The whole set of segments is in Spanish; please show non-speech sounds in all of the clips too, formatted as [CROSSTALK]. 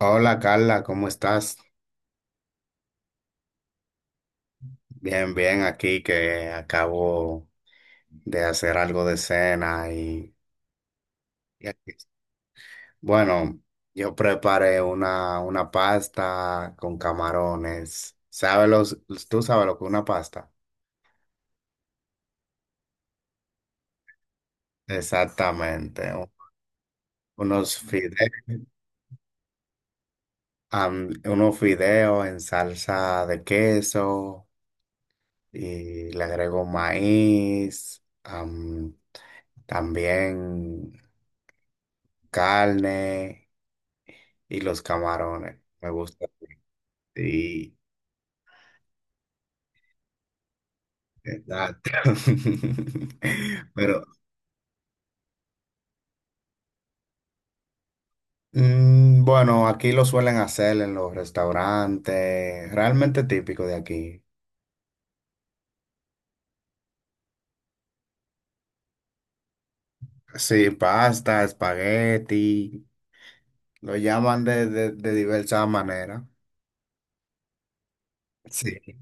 Hola Carla, ¿cómo estás? Bien, bien, aquí que acabo de hacer algo de cena y aquí- bueno, yo preparé una pasta con camarones. ¿Sabes tú sabes lo que es una pasta? Exactamente, unos fideos, unos fideos en salsa de queso y le agrego maíz, también carne. Y los camarones, me gusta. Sí, exacto. [LAUGHS] Pero bueno, aquí lo suelen hacer en los restaurantes, realmente típico de aquí. Sí, pasta, espagueti, lo llaman de diversas maneras. Sí.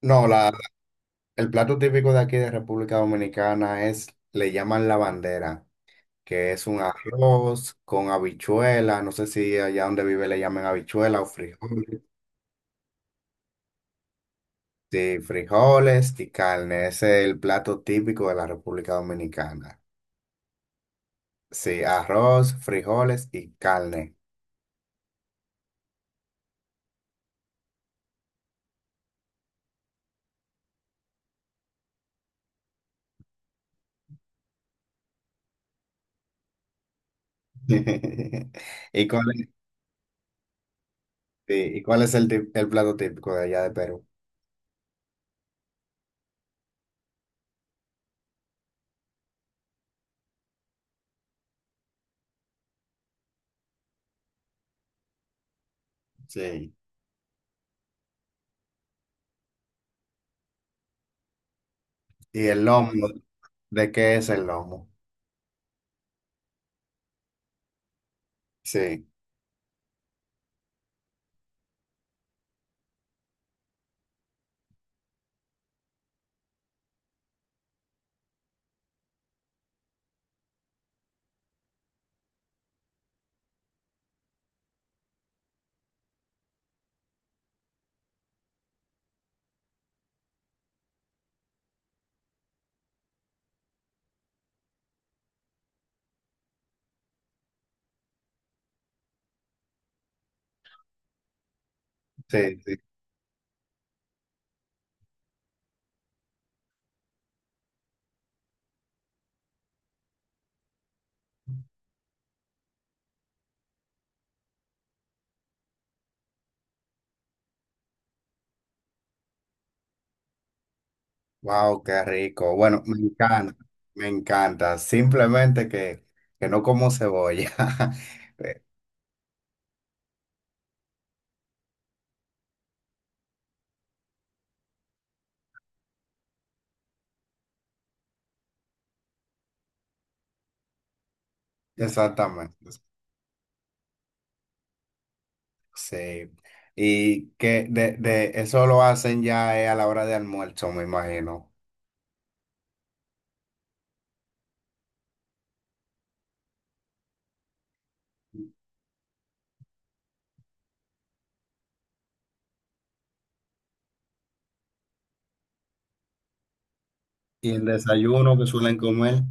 No, la, el plato típico de aquí de República Dominicana es, le llaman la bandera, que es un arroz con habichuela. No sé si allá donde vive le llaman habichuela o frijol. Sí, frijoles y carne, ese es el plato típico de la República Dominicana. Sí, arroz, frijoles y carne. [LAUGHS] ¿Y cuál es, sí, y cuál es el plato típico de allá de Perú? Sí. ¿Y el lomo? ¿De qué es el lomo? Sí, sí, sí. Wow, qué rico. Bueno, me encanta, me encanta. Simplemente que no como cebolla. [LAUGHS] Eh, exactamente. Sí. Y que de eso lo hacen ya a la hora de almuerzo, me imagino. Y el desayuno que suelen comer.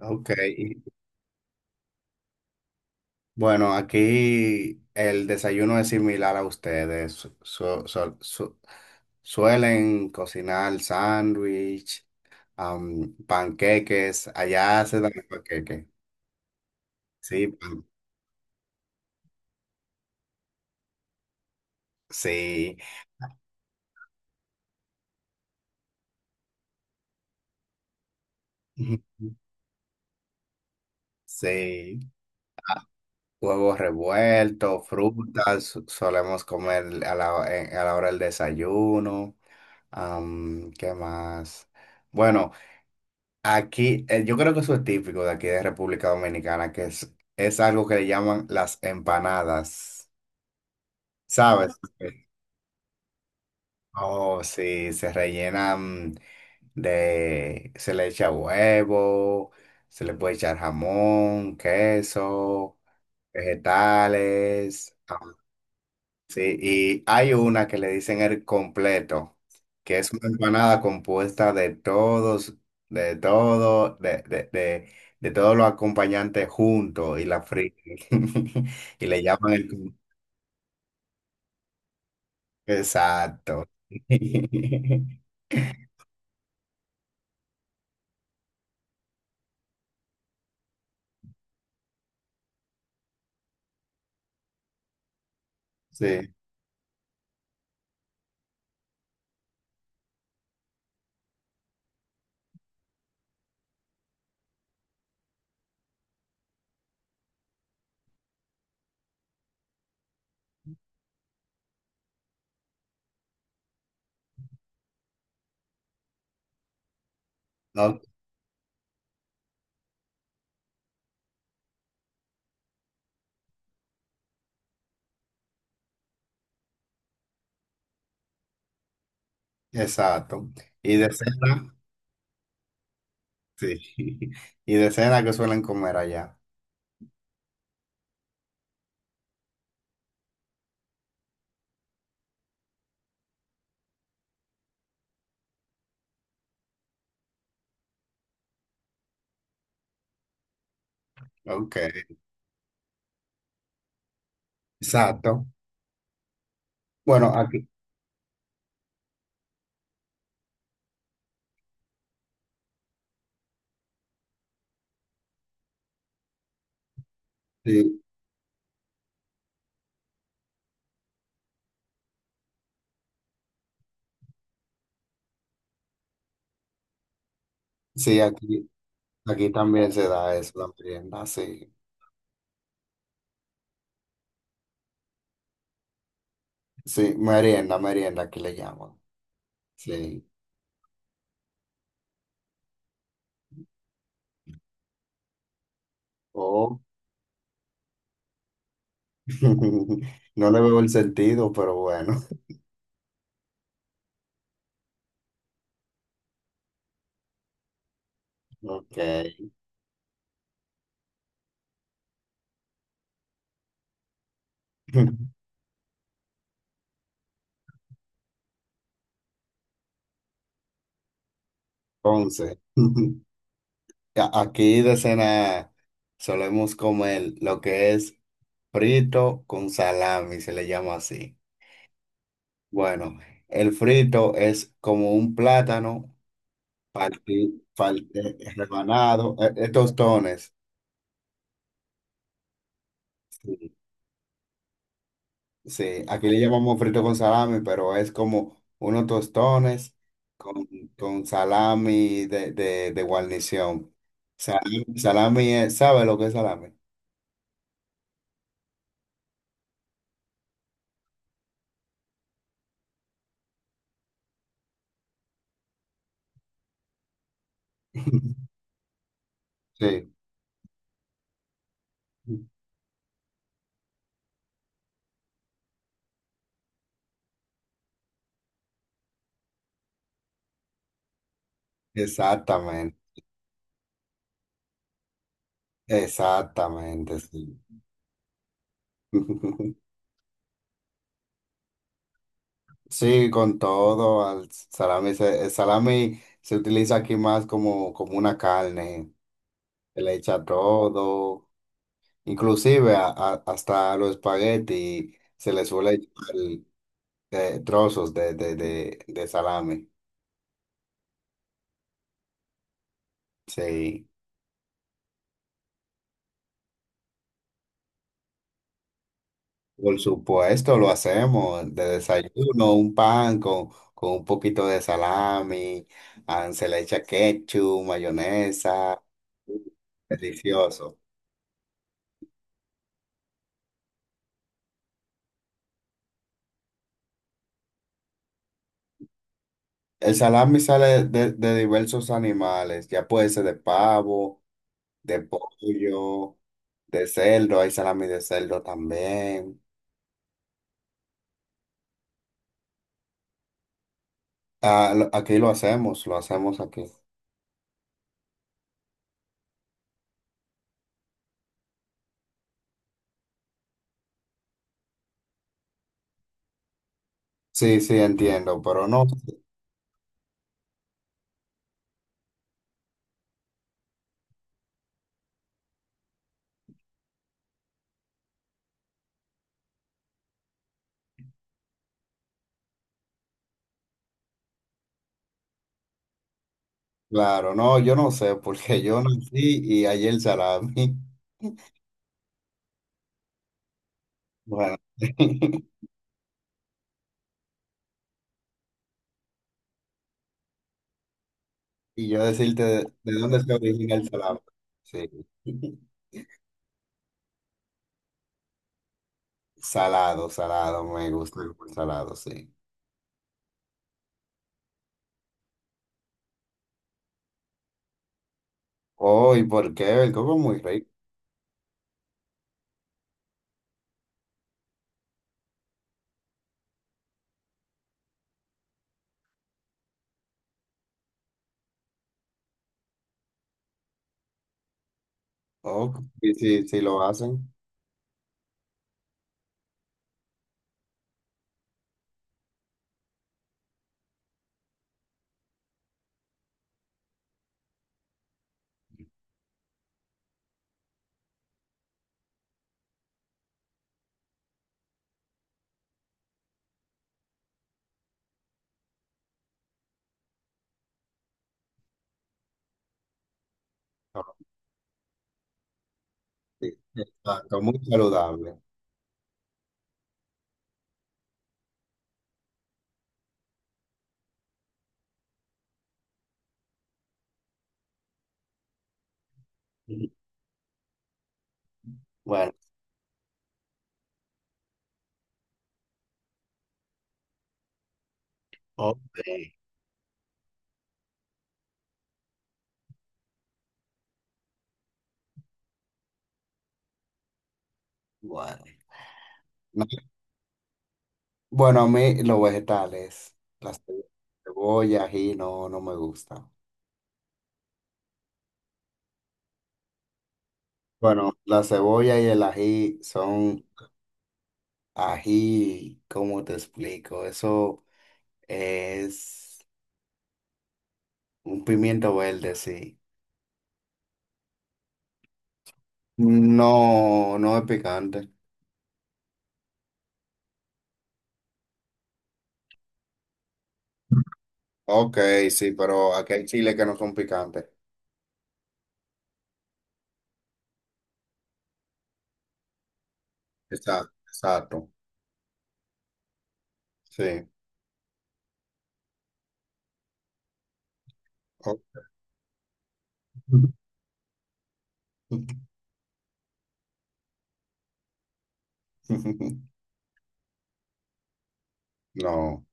Ok. y- Bueno, aquí el desayuno es similar a ustedes. Suelen cocinar sándwich, panqueques. Allá se dan panqueques. Sí, sí. [LAUGHS] Sí. Huevos revueltos, frutas, solemos comer a la hora del desayuno. ¿Qué más? Bueno, aquí yo creo que eso es típico de aquí de República Dominicana, que es algo que le llaman las empanadas. ¿Sabes? Oh, sí, se rellenan se le echa huevo, se le puede echar jamón, queso, vegetales. Sí, y hay una que le dicen el completo, que es una empanada compuesta de todos, de todo, de todos los acompañantes juntos y la frita. [LAUGHS] Y le llaman exacto. [LAUGHS] Sí, no, exacto. Y de cena, sí. [LAUGHS] Y de cena que suelen comer allá. Ok, exacto. Bueno, aquí, sí, sí, aquí, aquí también se da eso, la merienda, sí. Sí, merienda, merienda que le llaman. Sí. Oh, [LAUGHS] no le veo el sentido, pero bueno. [LAUGHS] Ok. [LAUGHS] Once. [LAUGHS] Aquí de cena solemos comer lo que es frito con salami, se le llama así. Bueno, el frito es como un plátano rebanado, tostones. Sí, aquí le llamamos frito con salami, pero es como unos tostones con, con salami de guarnición. Salami, ¿sabe lo que es salami? [LAUGHS] Sí, exactamente, exactamente, sí. [LAUGHS] Sí, con todo, al salami, el salami se utiliza aquí más como, como una carne, se le echa todo, inclusive hasta los espaguetis se le suele echar de trozos de salami. Sí, por supuesto, lo hacemos de desayuno, un pan con un poquito de salami, ah, se le echa ketchup, mayonesa, delicioso. El salami sale de diversos animales, ya puede ser de pavo, de pollo, de cerdo, hay salami de cerdo también. Ah, aquí lo hacemos aquí. Sí, sí, entiendo, pero no. Claro, no, yo no sé, porque yo nací y hay el salami. Bueno, [LAUGHS] y yo decirte de dónde se origina el salami. Sí. [LAUGHS] Salado, salado, me gusta el salado, sí. Oh, ¿y por qué? El coco es muy rico. Oh, sí, sí, sí lo hacen. Oh, sí. Exacto, muy saludable. [LAUGHS] Ujú. Bueno, ok, bueno. No, bueno, a mí los vegetales, las cebollas, ají, no, no me gusta. Bueno, la cebolla y el ají son ají, ¿cómo te explico? Eso es un pimiento verde, sí. No, no es picante. Ok, sí, pero aquí hay chiles que no son picantes. Exacto, exacto. Sí. O- [LAUGHS] No,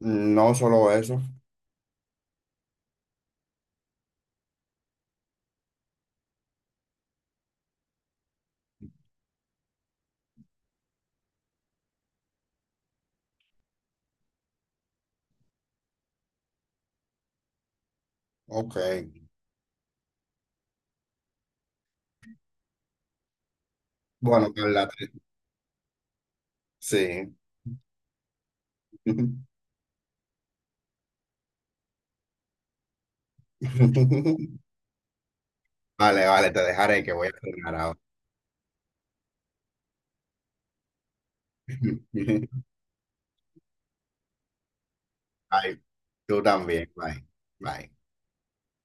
no solo eso. Ok. Bueno, Carla, te- sí. [LAUGHS] Vale, vale, te dejaré que voy a cenar ahora. [LAUGHS] Bye. Tú también. Bye. Bye.